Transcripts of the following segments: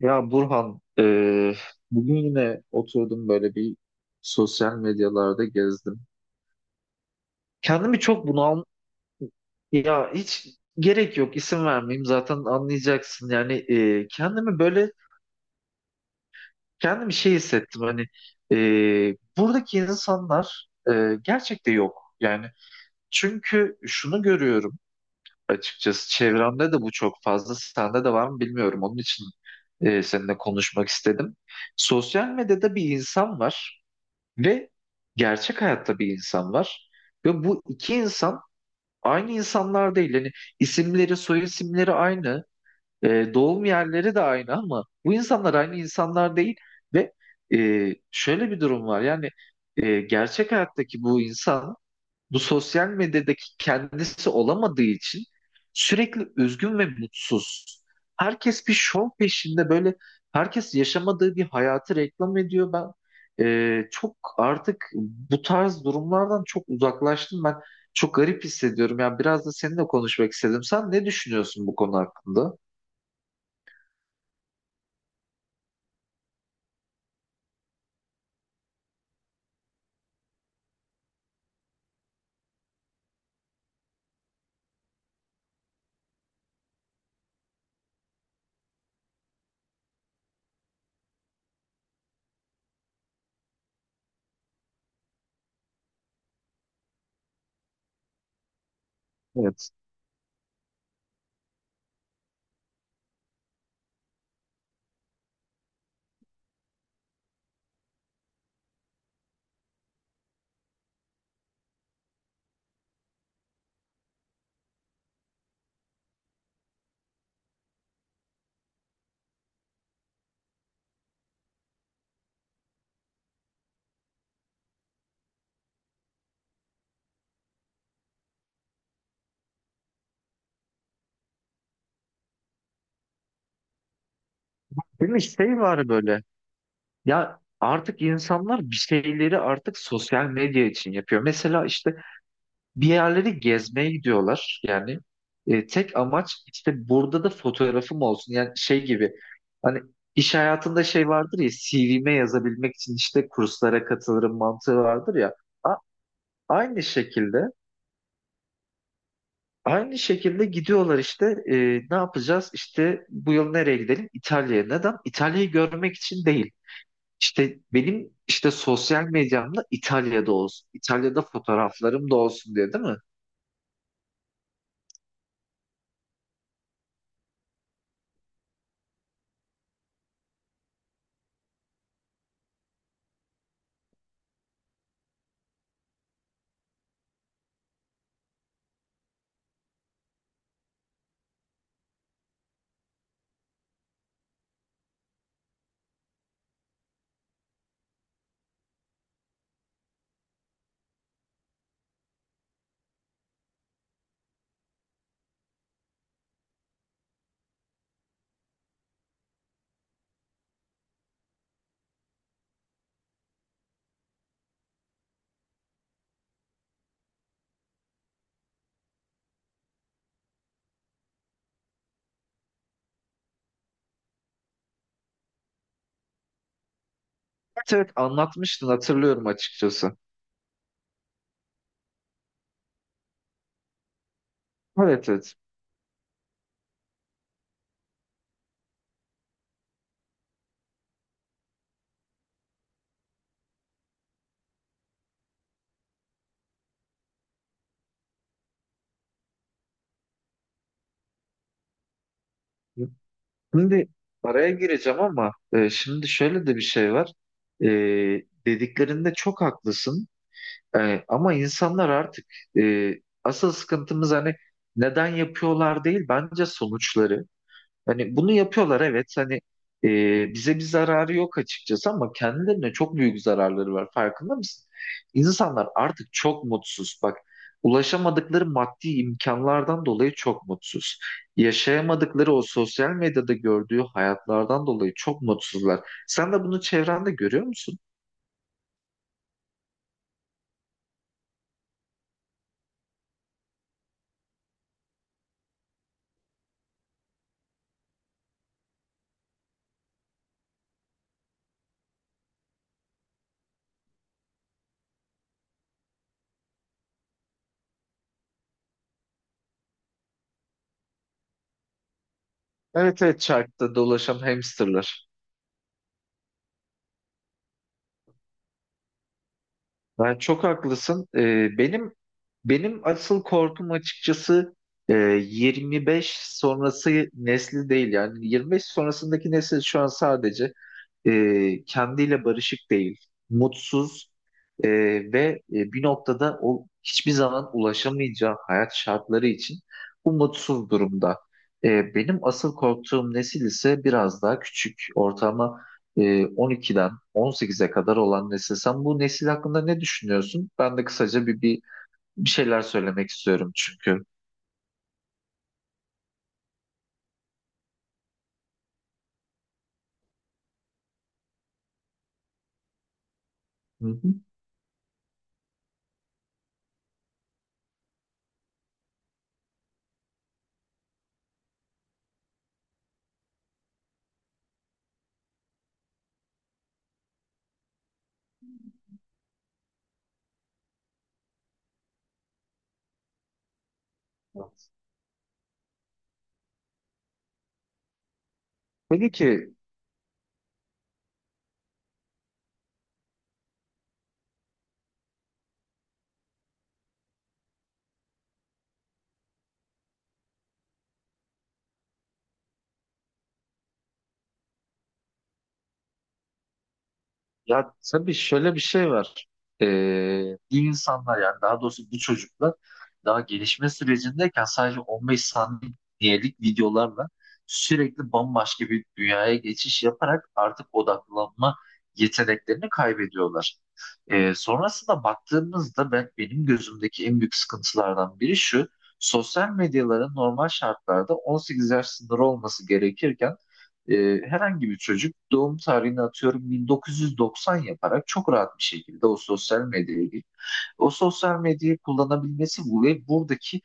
Ya Burhan, bugün yine oturdum böyle bir sosyal medyalarda gezdim. Kendimi çok bunal, ya hiç gerek yok isim vermeyeyim zaten anlayacaksın. Yani kendimi böyle şey hissettim hani buradaki insanlar gerçekte yok. Yani çünkü şunu görüyorum açıkçası çevremde de bu çok fazla sende de var mı bilmiyorum onun için seninle konuşmak istedim. Sosyal medyada bir insan var. Ve gerçek hayatta bir insan var. Ve bu iki insan aynı insanlar değil. Yani isimleri, soy isimleri aynı. Doğum yerleri de aynı ama bu insanlar aynı insanlar değil. Ve şöyle bir durum var. Yani gerçek hayattaki bu insan bu sosyal medyadaki kendisi olamadığı için sürekli üzgün ve mutsuz. Herkes bir şov peşinde böyle herkes yaşamadığı bir hayatı reklam ediyor. Ben çok artık bu tarz durumlardan çok uzaklaştım. Ben çok garip hissediyorum. Yani biraz da seninle konuşmak istedim. Sen ne düşünüyorsun bu konu hakkında? Evet. Değil mi? Şey var böyle. Ya artık insanlar bir şeyleri artık sosyal medya için yapıyor. Mesela işte bir yerleri gezmeye gidiyorlar yani. E, tek amaç işte burada da fotoğrafım olsun. Yani şey gibi hani iş hayatında şey vardır ya CV'me yazabilmek için işte kurslara katılırım mantığı vardır ya. A- Aynı şekilde gidiyorlar işte ne yapacağız işte bu yıl nereye gidelim İtalya'ya. Neden? İtalya'yı görmek için değil. İşte benim işte sosyal medyamda İtalya'da olsun. İtalya'da fotoğraflarım da olsun diye değil mi? Evet anlatmıştın hatırlıyorum açıkçası. Evet evet. Şimdi araya gireceğim ama şimdi şöyle de bir şey var. E, dediklerinde çok haklısın. E, ama insanlar artık e, asıl sıkıntımız hani neden yapıyorlar değil bence sonuçları. Hani bunu yapıyorlar evet hani bize bir zararı yok açıkçası ama kendilerine çok büyük zararları var farkında mısın? İnsanlar artık çok mutsuz bak ulaşamadıkları maddi imkanlardan dolayı çok mutsuz. Yaşayamadıkları o sosyal medyada gördüğü hayatlardan dolayı çok mutsuzlar. Sen de bunu çevrende görüyor musun? Evet evet çarkta dolaşan hamsterlar. Ben çok haklısın. Benim asıl korkum açıkçası 25 sonrası nesli değil. Yani 25 sonrasındaki nesil şu an sadece kendiyle barışık değil, mutsuz e, ve bir noktada o hiçbir zaman ulaşamayacağı hayat şartları için bu mutsuz durumda. E, benim asıl korktuğum nesil ise biraz daha küçük, ortama e, 12'den 18'e kadar olan nesil. Sen bu nesil hakkında ne düşünüyorsun? Ben de kısaca bir şeyler söylemek istiyorum çünkü. Hı hı. Evet. Peki ki ya tabii şöyle bir şey var. Ee, bir insanlar yani daha doğrusu bu çocuklar daha gelişme sürecindeyken sadece 15 saniyelik videolarla sürekli bambaşka bir dünyaya geçiş yaparak artık odaklanma yeteneklerini kaybediyorlar. Sonrasında baktığımızda benim gözümdeki en büyük sıkıntılardan biri şu. Sosyal medyaların normal şartlarda 18 yaş sınırı olması gerekirken e, herhangi bir çocuk doğum tarihini atıyorum 1990 yaparak çok rahat bir şekilde o sosyal medyaya girip o sosyal medyayı kullanabilmesi bu ve buradaki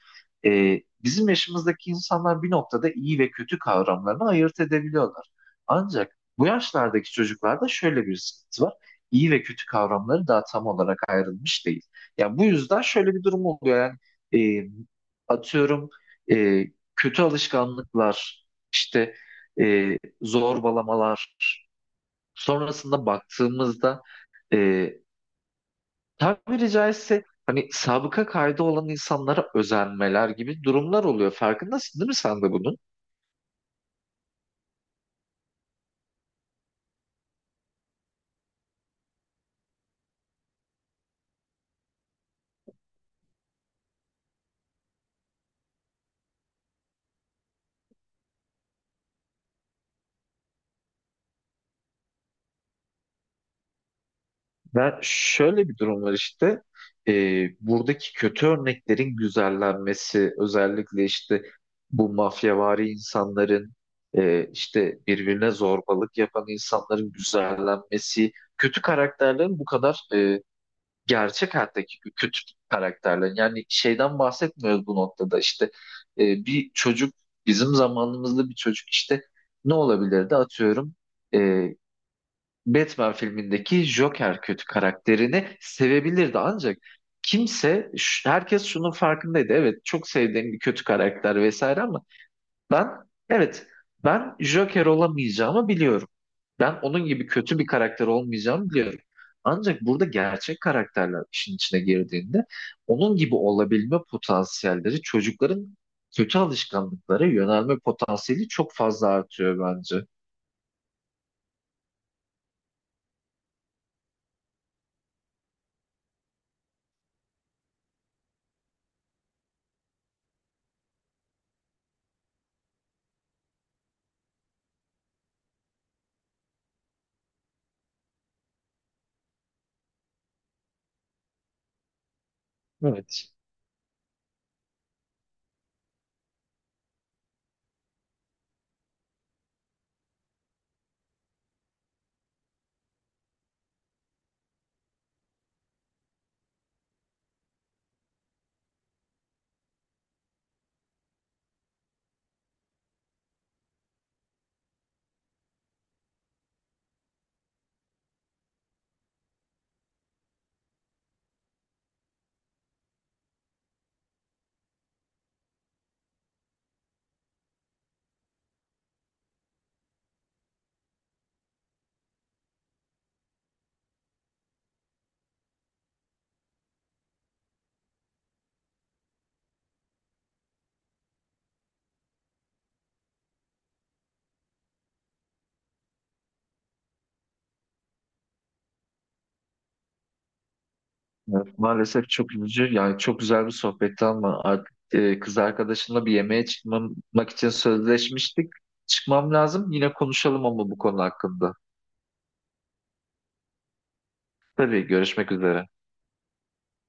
bizim yaşımızdaki insanlar bir noktada iyi ve kötü kavramlarını ayırt edebiliyorlar. Ancak bu yaşlardaki çocuklarda şöyle bir sıkıntı var. İyi ve kötü kavramları daha tam olarak ayrılmış değil. Yani bu yüzden şöyle bir durum oluyor. Yani e, atıyorum e, kötü alışkanlıklar işte zorbalamalar. Sonrasında baktığımızda e, tabiri caizse hani sabıka kaydı olan insanlara özenmeler gibi durumlar oluyor. Farkındasın değil mi sen de bunun? Ben şöyle bir durum var işte. E, buradaki kötü örneklerin güzellenmesi özellikle işte bu mafyavari insanların işte birbirine zorbalık yapan insanların güzellenmesi kötü karakterlerin bu kadar gerçek hayattaki kötü karakterlerin yani şeyden bahsetmiyoruz bu noktada işte e, bir çocuk bizim zamanımızda bir çocuk işte ne olabilirdi atıyorum e, Batman filmindeki Joker kötü karakterini sevebilirdi ancak kimse herkes şunun farkındaydı evet çok sevdiğim bir kötü karakter vesaire ama ben evet ben Joker olamayacağımı biliyorum. Ben onun gibi kötü bir karakter olmayacağım diyorum. Ancak burada gerçek karakterler işin içine girdiğinde onun gibi olabilme potansiyelleri çocukların kötü alışkanlıklara yönelme potansiyeli çok fazla artıyor bence. Evet. Evet, maalesef çok üzücü. Yani çok güzel bir sohbetti ama artık kız arkadaşımla bir yemeğe çıkmamak için sözleşmiştik. Çıkmam lazım. Yine konuşalım ama bu konu hakkında. Tabii görüşmek üzere.